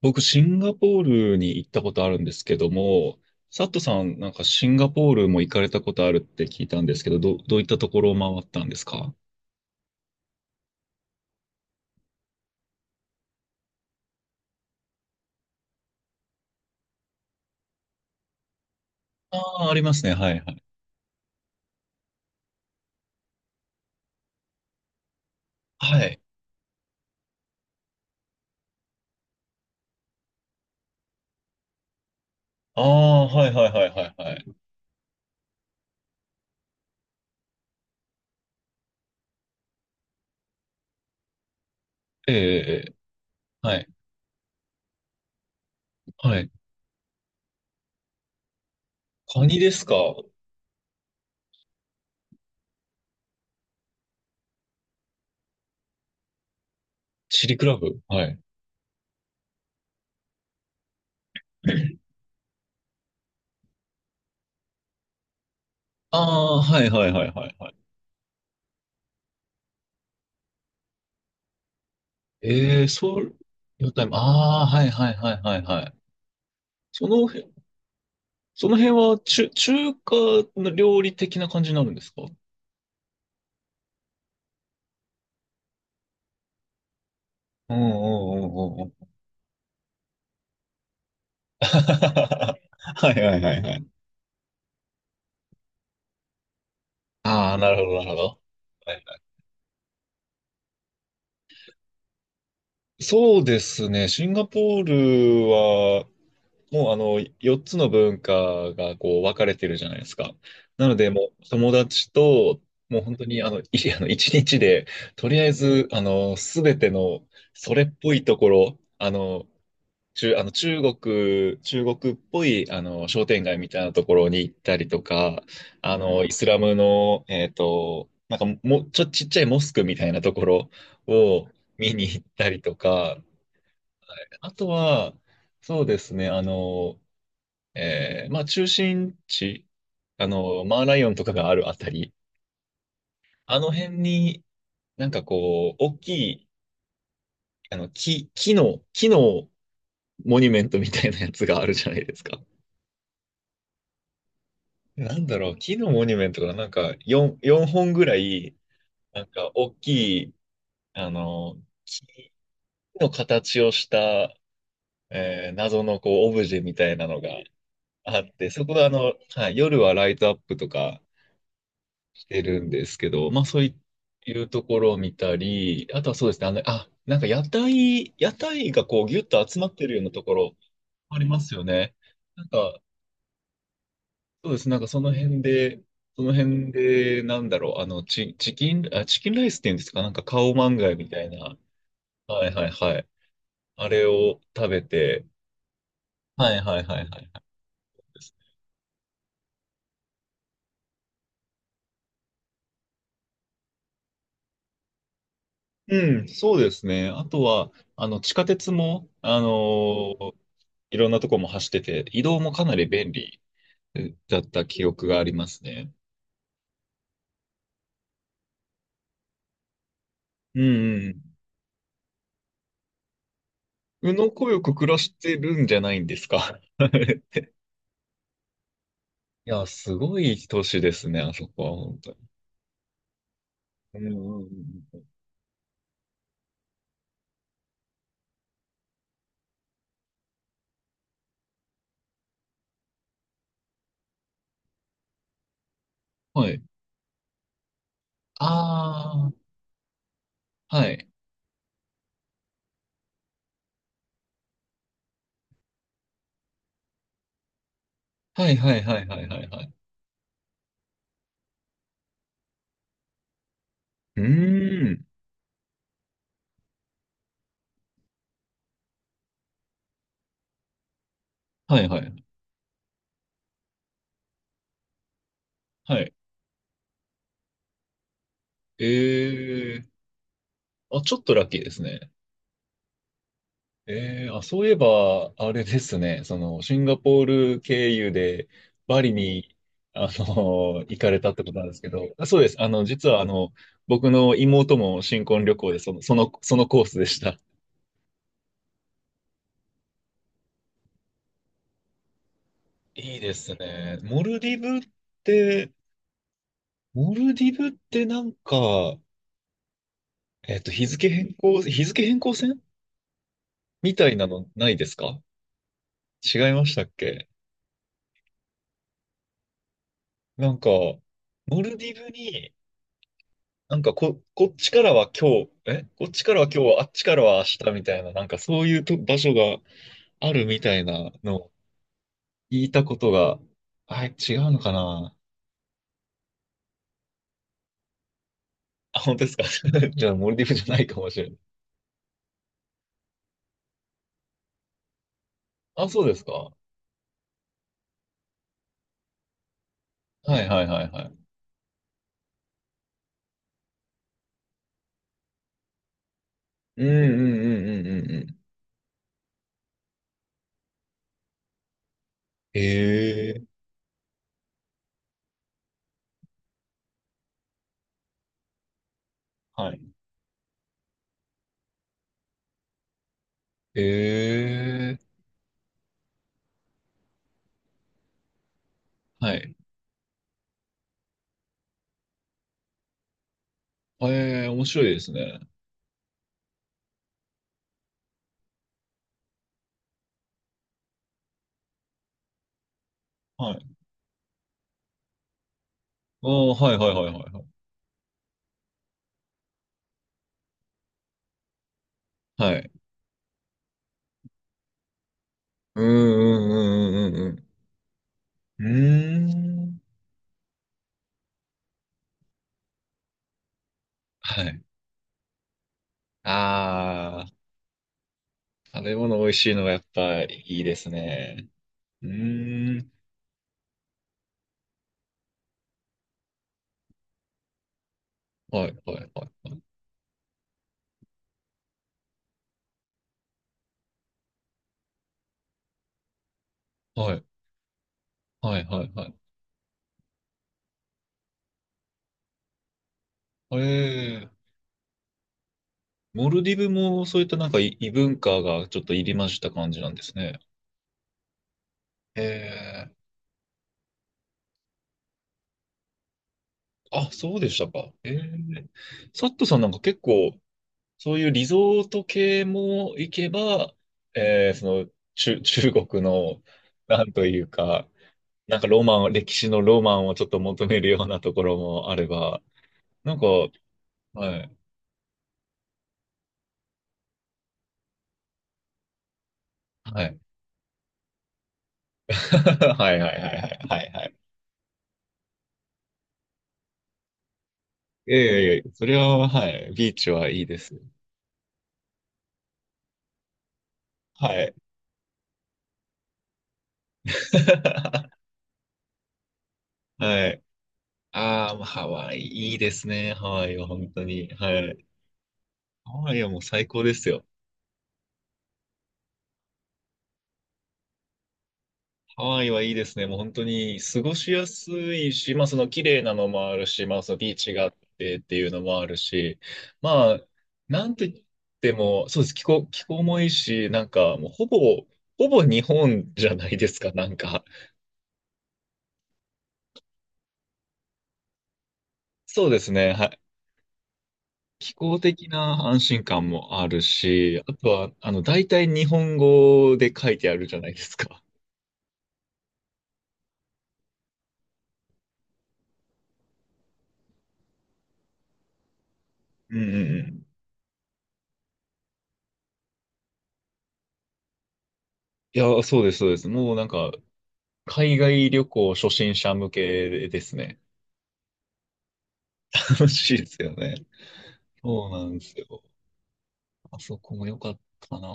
僕、シンガポールに行ったことあるんですけども、サットさん、なんかシンガポールも行かれたことあるって聞いたんですけど、どういったところを回ったんですか？ああー、ありますね。はい、はい。はい。ああ、はい、はい、はい、はい、はい。ええ、ええ、はい、はい。カニですか？チリクラブ。はい。ああ、はい、はい、はい、はい、はい。ええ、そう、ヨタイム。ああ、はい、はい、はい、はい、はい。その辺、その辺は中華の料理的な感じになるんですか？うんうんうんうんうん。はいはいはいはい。ああ、なるほどなるほど。はいはい、そうですね。シンガポールは、もう4つの文化がこう分かれてるじゃないですか。なので、もう友達と、もう本当に1日で、とりあえず、すべての、それっぽいところ、中国っぽい、商店街みたいなところに行ったりとか、イスラムの、なんかも、ちっちゃいモスクみたいなところを見に行ったりとか、あとは、そうですね、中心地、マーライオンとかがあるあたり、あの辺になんかこう、大きい、木のモニュメントみたいなやつがあるじゃないですか。なんだろう、木のモニュメントがなんか4、4本ぐらい、なんか大きい、あの、木の形をした、謎のこう、オブジェみたいなのがあって、そこではい、夜はライトアップとかしてるんですけど、まあそういうところを見たり、あとはそうですね、なんか屋台、屋台がこう、ぎゅっと集まってるようなところありますよね。なんか、そうです。なんかその辺で、なんだろう、チキンライスっていうんですか、なんかカオマンガイみたいな。はいはいはい。あれを食べて、はいはいはいはいはい。うん、そうですね。あとは、地下鉄も、ーいろんなとこも走ってて、移動もかなり便利だった記憶がありますね。うんうん。宇野子よく暮らしてるんじゃないんですか。いや、すごい都市ですね、あそこは、うんうんうんうんはい。ああ、はい。はいはいはいはいはいはい。うーん。はいはい。はい。ええ、あ、ちょっとラッキーですね。ええ、あ、そういえば、あれですね。シンガポール経由で、バリに、行かれたってことなんですけど、あ、そうです。実は、僕の妹も新婚旅行で、そのコースでした。いいですね。て、モルディブってなんか、日付変更線みたいなのないですか？違いましたっけ？なんか、モルディブに、なんかこっちからは今日、あっちからは明日みたいな、なんかそういうと場所があるみたいなのを聞いたことが、あ、違うのかな。あ、本当ですか？ じゃあ、モルディブじゃないかもしれない。あ、そうですか。はいはいはいはい。うんうんうんうんうんうん。ええ、はい。ええ、はい。ええ、面白いですね。はい。ああ、はいはいはいはいはい。はい。うんうんうんうんうんうん。うーん。はい。ああ、食べ物美味しいのがやっぱいいですね。うーん。はいはいはいはい。はいはいはいはい。ええ、モルディブもそういったなんか異異文化がちょっと入りました感じなんですね。ええ、あ、そうでしたか。ええ、サットさんなんか結構そういうリゾート系も行けば、その、中国の、なんというか、なんかロマン、歴史のロマンをちょっと求めるようなところもあれば、なんか、はい、はい。はいはいはいはいはいはい。ええええそれは、はい、ビーチはいいです。はい。はい。ああ、もうハワイ、いいですね。ハワイは本当に。はい。ハワイはもう最高ですよ。ハワイはいいですね。もう本当に過ごしやすいし、まあその綺麗なのもあるし、まあそのビーチがあってっていうのもあるし、まあ、なんと言っても、そうです。気候もいいし、なんかもうほぼ日本じゃないですか、なんか。そうですね。はい。気候的な安心感もあるし、あとは、大体日本語で書いてあるじゃないですか。うんうんうん。いや、そうです、そうです。もうなんか、海外旅行初心者向けですね。楽しいですよね。そうなんですよ。あそこも良かったな。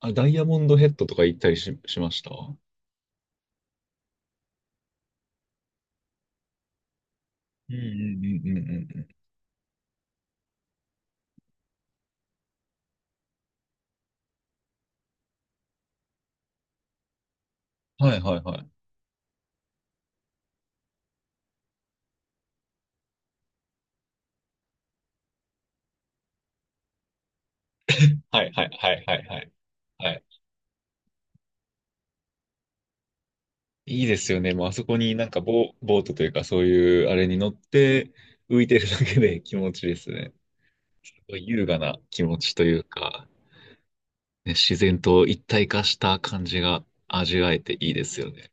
ダイヤモンドヘッドとか行ったりしました？うんうんうんうんうんうん。はいはいはい。はいはいはいはいはい。はい。いいですよね。もうあそこになんかボートというかそういうあれに乗って浮いてるだけで気持ちいいですね。優雅な気持ちというか、ね、自然と一体化した感じが味わえていいですよね。